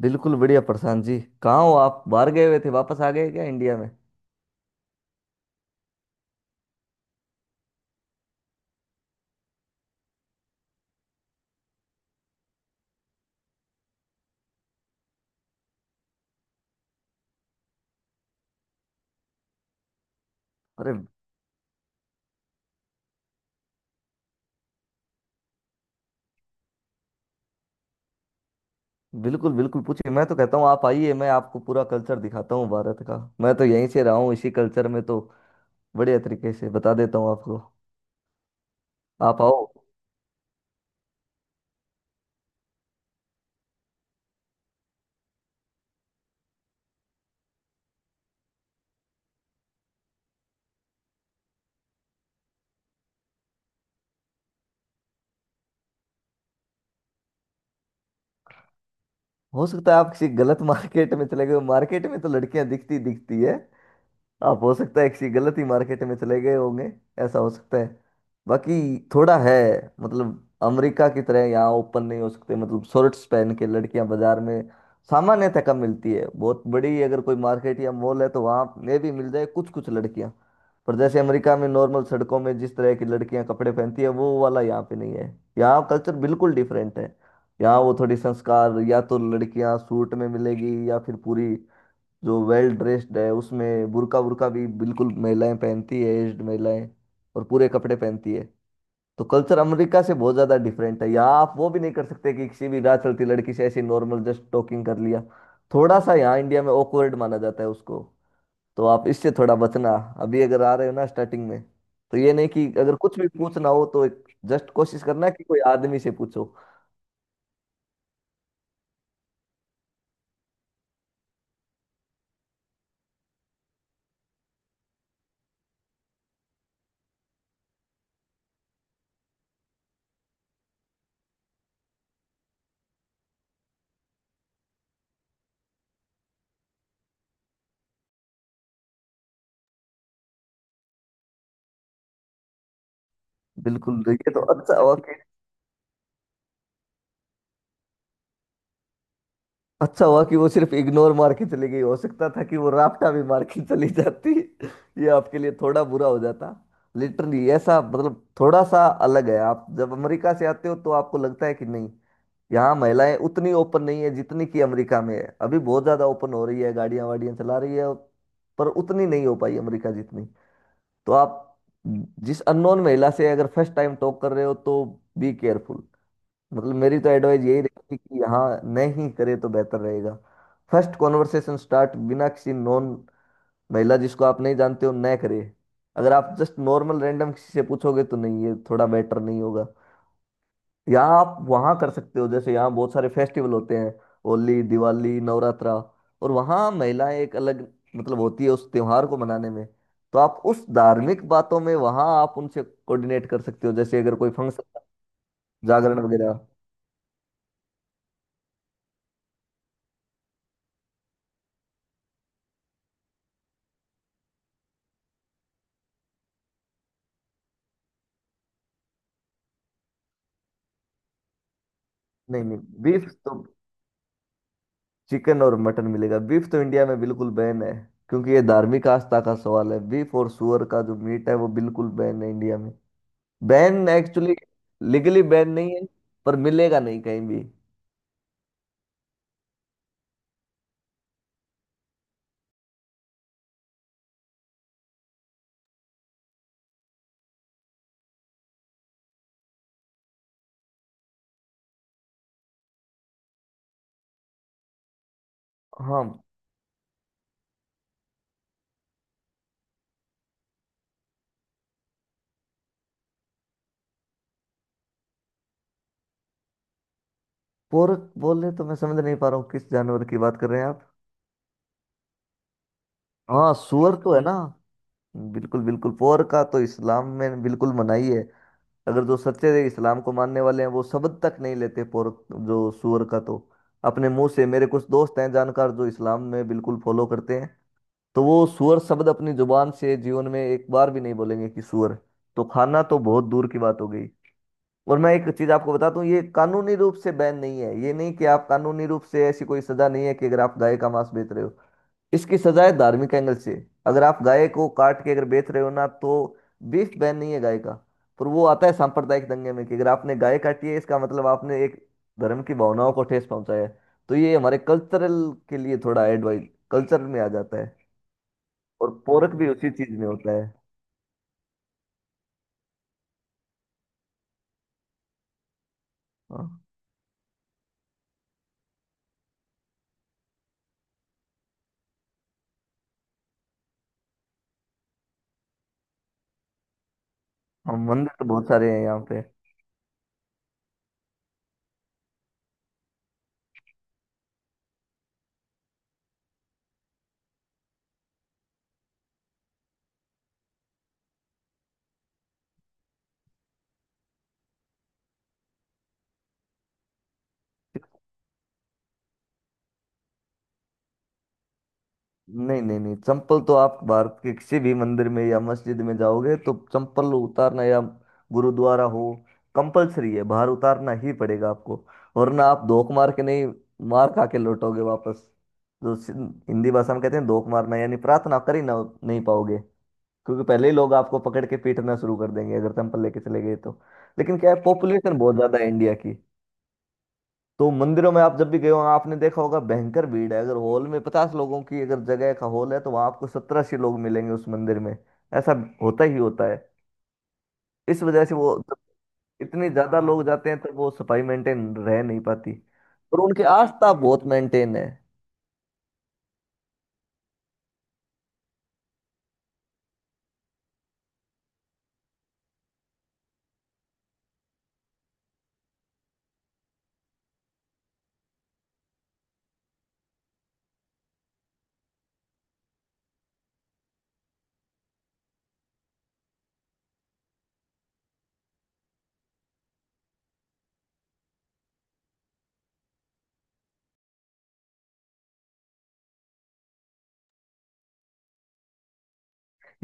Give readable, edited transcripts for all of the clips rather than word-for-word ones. बिल्कुल बढ़िया प्रशांत जी। कहाँ हो आप? बाहर गए हुए थे, वापस आ गए क्या इंडिया में? अरे बिल्कुल बिल्कुल, पूछिए। मैं तो कहता हूँ आप आइए, मैं आपको पूरा कल्चर दिखाता हूँ भारत का। मैं तो यहीं से रहा हूँ इसी कल्चर में, तो बढ़िया तरीके से बता देता हूँ आपको। आप आओ। हो सकता है आप किसी गलत मार्केट में चले गए हो। मार्केट में तो लड़कियां दिखती दिखती है। आप हो सकता है किसी गलत ही मार्केट में चले गए होंगे। ऐसा हो सकता है। बाकी थोड़ा है, मतलब अमेरिका की तरह यहाँ ओपन नहीं हो सकते। मतलब शॉर्ट्स पहन के लड़कियां बाजार में सामान्यतः कम मिलती है। बहुत बड़ी अगर कोई मार्केट या मॉल है तो वहाँ ये भी मिल जाए कुछ कुछ लड़कियां। पर जैसे अमेरिका में नॉर्मल सड़कों में जिस तरह की लड़कियां कपड़े पहनती है, वो वाला यहाँ पे नहीं है। यहाँ कल्चर बिल्कुल डिफरेंट है। यहाँ वो थोड़ी संस्कार, या तो लड़कियां सूट में मिलेगी या फिर पूरी जो वेल ड्रेस्ड है उसमें बुर्का वुर्का भी बिल्कुल महिलाएं पहनती है। एज्ड महिलाएं और पूरे कपड़े पहनती है। तो कल्चर अमेरिका से बहुत ज्यादा डिफरेंट है। यहाँ आप वो भी नहीं कर सकते कि किसी भी राह चलती लड़की से ऐसी नॉर्मल जस्ट टॉकिंग कर लिया। थोड़ा सा यहाँ इंडिया में ऑकवर्ड माना जाता है उसको। तो आप इससे थोड़ा बचना, अभी अगर आ रहे हो ना स्टार्टिंग में। तो ये नहीं कि अगर कुछ भी पूछना हो तो एक जस्ट कोशिश करना कि कोई आदमी से पूछो। बिल्कुल, ये तो अच्छा ओके। अच्छा हुआ कि वो सिर्फ इग्नोर मार के चली गई, हो सकता था कि वो राफ्टा भी मार के चली जाती ये आपके लिए थोड़ा बुरा हो जाता। लिटरली ऐसा, मतलब थोड़ा सा अलग है। आप जब अमेरिका से आते हो तो आपको लगता है कि नहीं, यहाँ महिलाएं उतनी ओपन नहीं है जितनी कि अमेरिका में है। अभी बहुत ज्यादा ओपन हो रही है, गाड़ियां वाड़ियां चला रही है, पर उतनी नहीं हो पाई अमेरिका जितनी। तो आप जिस अननोन महिला से अगर फर्स्ट टाइम टॉक कर रहे हो तो बी केयरफुल। मतलब मेरी तो एडवाइस यही रहेगी कि यहाँ नहीं करे तो बेहतर रहेगा। फर्स्ट कॉन्वर्सेशन स्टार्ट बिना किसी नॉन, महिला जिसको आप नहीं जानते हो न करे। अगर आप जस्ट नॉर्मल रैंडम किसी से पूछोगे तो नहीं, ये थोड़ा बेटर नहीं होगा। यहाँ आप वहाँ कर सकते हो, जैसे यहाँ बहुत सारे फेस्टिवल होते हैं, होली, दिवाली, नवरात्रा, और वहाँ महिलाएं एक अलग मतलब होती है उस त्योहार को मनाने में। तो आप उस धार्मिक बातों में वहाँ आप उनसे कोऑर्डिनेट कर सकते हो, जैसे अगर कोई फंक्शन, जागरण वगैरह। नहीं नहीं, बीफ तो, चिकन और मटन मिलेगा, बीफ तो इंडिया में बिल्कुल बैन है। क्योंकि ये धार्मिक आस्था का सवाल है। बीफ और सुअर का जो मीट है वो बिल्कुल बैन है इंडिया में। बैन, एक्चुअली लीगली बैन नहीं है, पर मिलेगा नहीं कहीं भी। हाँ। पोर्क बोले तो मैं समझ नहीं पा रहा हूँ किस जानवर की बात कर रहे हैं आप। हाँ, सुअर तो है ना। बिल्कुल बिल्कुल, पोर्क का तो इस्लाम में बिल्कुल मनाही है। अगर जो सच्चे इस्लाम को मानने वाले हैं वो शब्द तक नहीं लेते, पोर्क जो सुअर का, तो अपने मुंह से, मेरे कुछ दोस्त हैं जानकार जो इस्लाम में बिल्कुल फॉलो करते हैं, तो वो सुअर शब्द अपनी जुबान से जीवन में एक बार भी नहीं बोलेंगे कि सुअर। तो खाना तो बहुत दूर की बात हो गई। और मैं एक चीज आपको बताता हूँ, ये कानूनी रूप से बैन नहीं है। ये नहीं कि आप, कानूनी रूप से ऐसी कोई सजा नहीं है कि अगर आप गाय का मांस बेच रहे हो। इसकी सजा है धार्मिक एंगल से। अगर आप गाय को काट के अगर बेच रहे हो ना, तो बीफ बैन नहीं है गाय का, पर वो आता है सांप्रदायिक दंगे में, कि अगर आपने गाय काटी है इसका मतलब आपने एक धर्म की भावनाओं को ठेस पहुंचाया है। तो ये हमारे कल्चरल के लिए थोड़ा एडवाइस, कल्चर में आ जाता है। और पोरक भी उसी चीज में होता है। हाँ। हाँ, मंदिर तो बहुत सारे हैं यहाँ पे। नहीं नहीं नहीं, चंपल तो आप भारत के किसी भी मंदिर में या मस्जिद में जाओगे तो चंपल उतारना, या गुरुद्वारा हो, कंपलसरी है, बाहर उतारना ही पड़ेगा आपको। वरना आप धोख मार के नहीं, मार खा के लौटोगे वापस। जो सिं- हिंदी भाषा में कहते हैं धोख मारना, यानी प्रार्थना कर ही ना नहीं पाओगे। क्योंकि पहले ही लोग आपको पकड़ के पीटना शुरू कर देंगे अगर चंपल लेके चले गए तो। लेकिन क्या है, पॉपुलेशन बहुत ज्यादा है इंडिया की। तो मंदिरों में आप जब भी गए हो आपने देखा होगा भयंकर भीड़ है। अगर हॉल में 50 लोगों की अगर जगह का हॉल है तो वहां आपको 17-80 लोग मिलेंगे उस मंदिर में। ऐसा होता ही होता है। इस वजह से वो जब इतने ज्यादा लोग जाते हैं तो वो सफाई मेंटेन रह नहीं पाती। और उनकी आस्था बहुत मेंटेन है।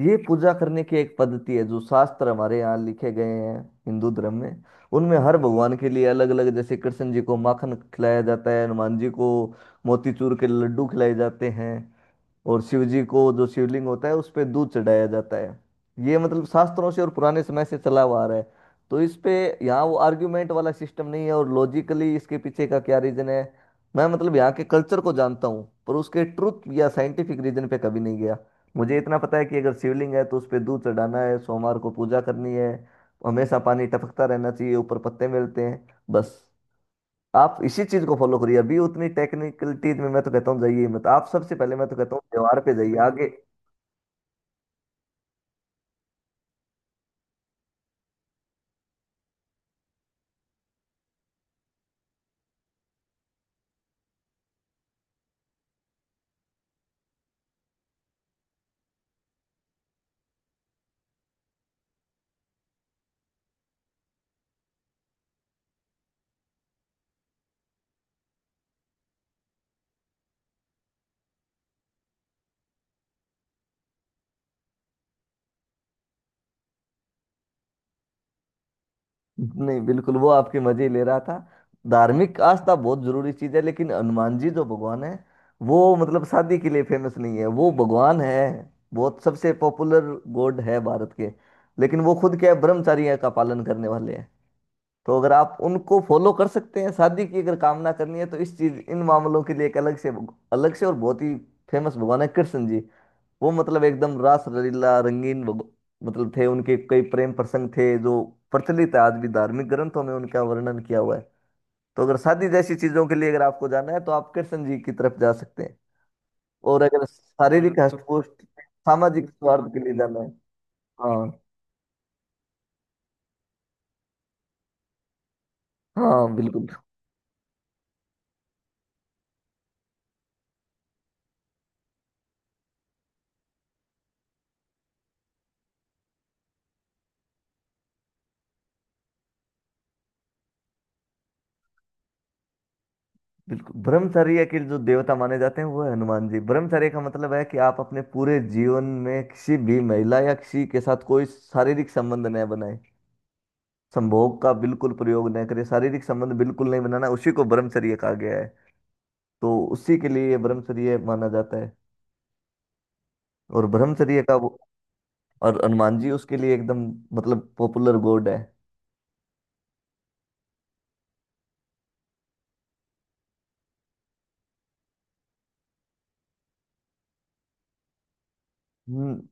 ये पूजा करने की एक पद्धति है जो शास्त्र हमारे यहाँ लिखे गए हैं हिंदू धर्म में। उनमें हर भगवान के लिए अलग अलग, जैसे कृष्ण जी को माखन खिलाया जाता है, हनुमान जी को मोतीचूर के लड्डू खिलाए जाते हैं, और शिव जी को जो शिवलिंग होता है उस पे दूध चढ़ाया जाता है। ये मतलब शास्त्रों से और पुराने समय से चला हुआ आ रहा है। तो इस पे, यहाँ वो आर्ग्यूमेंट वाला सिस्टम नहीं है और लॉजिकली इसके पीछे का क्या रीजन है, मैं मतलब यहाँ के कल्चर को जानता हूँ पर उसके ट्रुथ या साइंटिफिक रीजन पे कभी नहीं गया। मुझे इतना पता है कि अगर शिवलिंग है तो उस पे दूध चढ़ाना है, सोमवार को पूजा करनी है, हमेशा पानी टपकता रहना चाहिए ऊपर, पत्ते मिलते हैं, बस। आप इसी चीज को फॉलो करिए। अभी उतनी टेक्निकलिटीज में मैं तो कहता हूँ जाइए मत आप, सबसे पहले मैं तो कहता हूँ त्योहार पे जाइए आगे। नहीं, बिल्कुल वो आपके मजे ले रहा था। धार्मिक आस्था बहुत जरूरी चीज है, लेकिन हनुमान जी जो भगवान है वो मतलब शादी के लिए फेमस नहीं है। वो भगवान है बहुत, सबसे पॉपुलर गॉड है भारत के, लेकिन वो खुद क्या है, ब्रह्मचारी का पालन करने वाले हैं। तो अगर आप उनको फॉलो कर सकते हैं शादी की अगर कामना करनी है तो, इस चीज इन मामलों के लिए एक अलग से, और बहुत ही फेमस भगवान है कृष्ण जी। वो मतलब एकदम रास लीला, रंगीन मतलब थे, उनके कई प्रेम प्रसंग थे जो प्रचलित है आज भी, धार्मिक ग्रंथों में उनका वर्णन किया हुआ है। तो अगर शादी जैसी चीजों के लिए अगर आपको जाना है तो आप कृष्ण जी की तरफ जा सकते हैं। और अगर शारीरिक मतलब हष्टपुष्ट सामाजिक स्वार्थ के लिए जाना है। हाँ। हाँ बिल्कुल। बिल्कुल ब्रह्मचर्य के जो देवता माने जाते हैं वो है हनुमान जी। ब्रह्मचर्य का मतलब है कि आप अपने पूरे जीवन में किसी भी महिला या किसी के साथ कोई शारीरिक संबंध न बनाए, संभोग का बिल्कुल प्रयोग न करें, शारीरिक संबंध बिल्कुल नहीं बनाना, उसी को ब्रह्मचर्य कहा गया है। तो उसी के लिए ये ब्रह्मचर्य माना जाता है। और ब्रह्मचर्य का वो, और हनुमान जी उसके लिए एकदम मतलब पॉपुलर गॉड है। हम्म।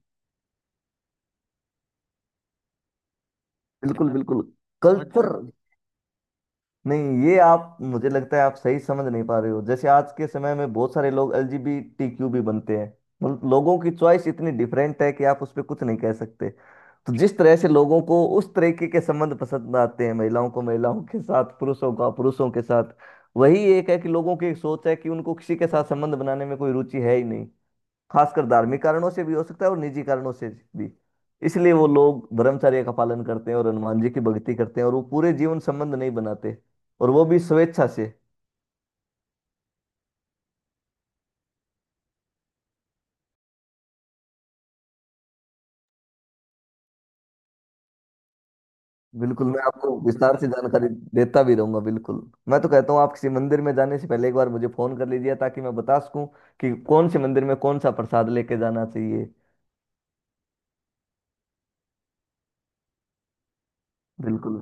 बिल्कुल बिल्कुल, अच्छा कल्चर। नहीं, ये आप, मुझे लगता है आप सही समझ नहीं पा रहे हो। जैसे आज के समय में बहुत सारे लोग एलजीबीटीक्यू भी बनते हैं। मतलब लोगों की चॉइस इतनी डिफरेंट है कि आप उस पर कुछ नहीं कह सकते। तो जिस तरह से लोगों को उस तरीके के संबंध पसंद आते हैं, महिलाओं को महिलाओं के साथ, पुरुषों का पुरुषों के साथ, वही एक है कि लोगों की एक सोच है कि उनको किसी के साथ संबंध बनाने में कोई रुचि है ही नहीं। खासकर धार्मिक कारणों से भी हो सकता है और निजी कारणों से भी। इसलिए वो लोग ब्रह्मचर्य का पालन करते हैं और हनुमान जी की भक्ति करते हैं और वो पूरे जीवन संबंध नहीं बनाते, और वो भी स्वेच्छा से। बिल्कुल, मैं आपको विस्तार से जानकारी देता भी रहूंगा, बिल्कुल। मैं तो कहता हूँ आप किसी मंदिर में जाने से पहले एक बार मुझे फोन कर लीजिए, ताकि मैं बता सकूं कि कौन से मंदिर में कौन सा प्रसाद लेके जाना चाहिए। बिल्कुल।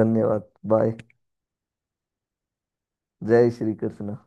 धन्यवाद, बाय। जय श्री कृष्ण।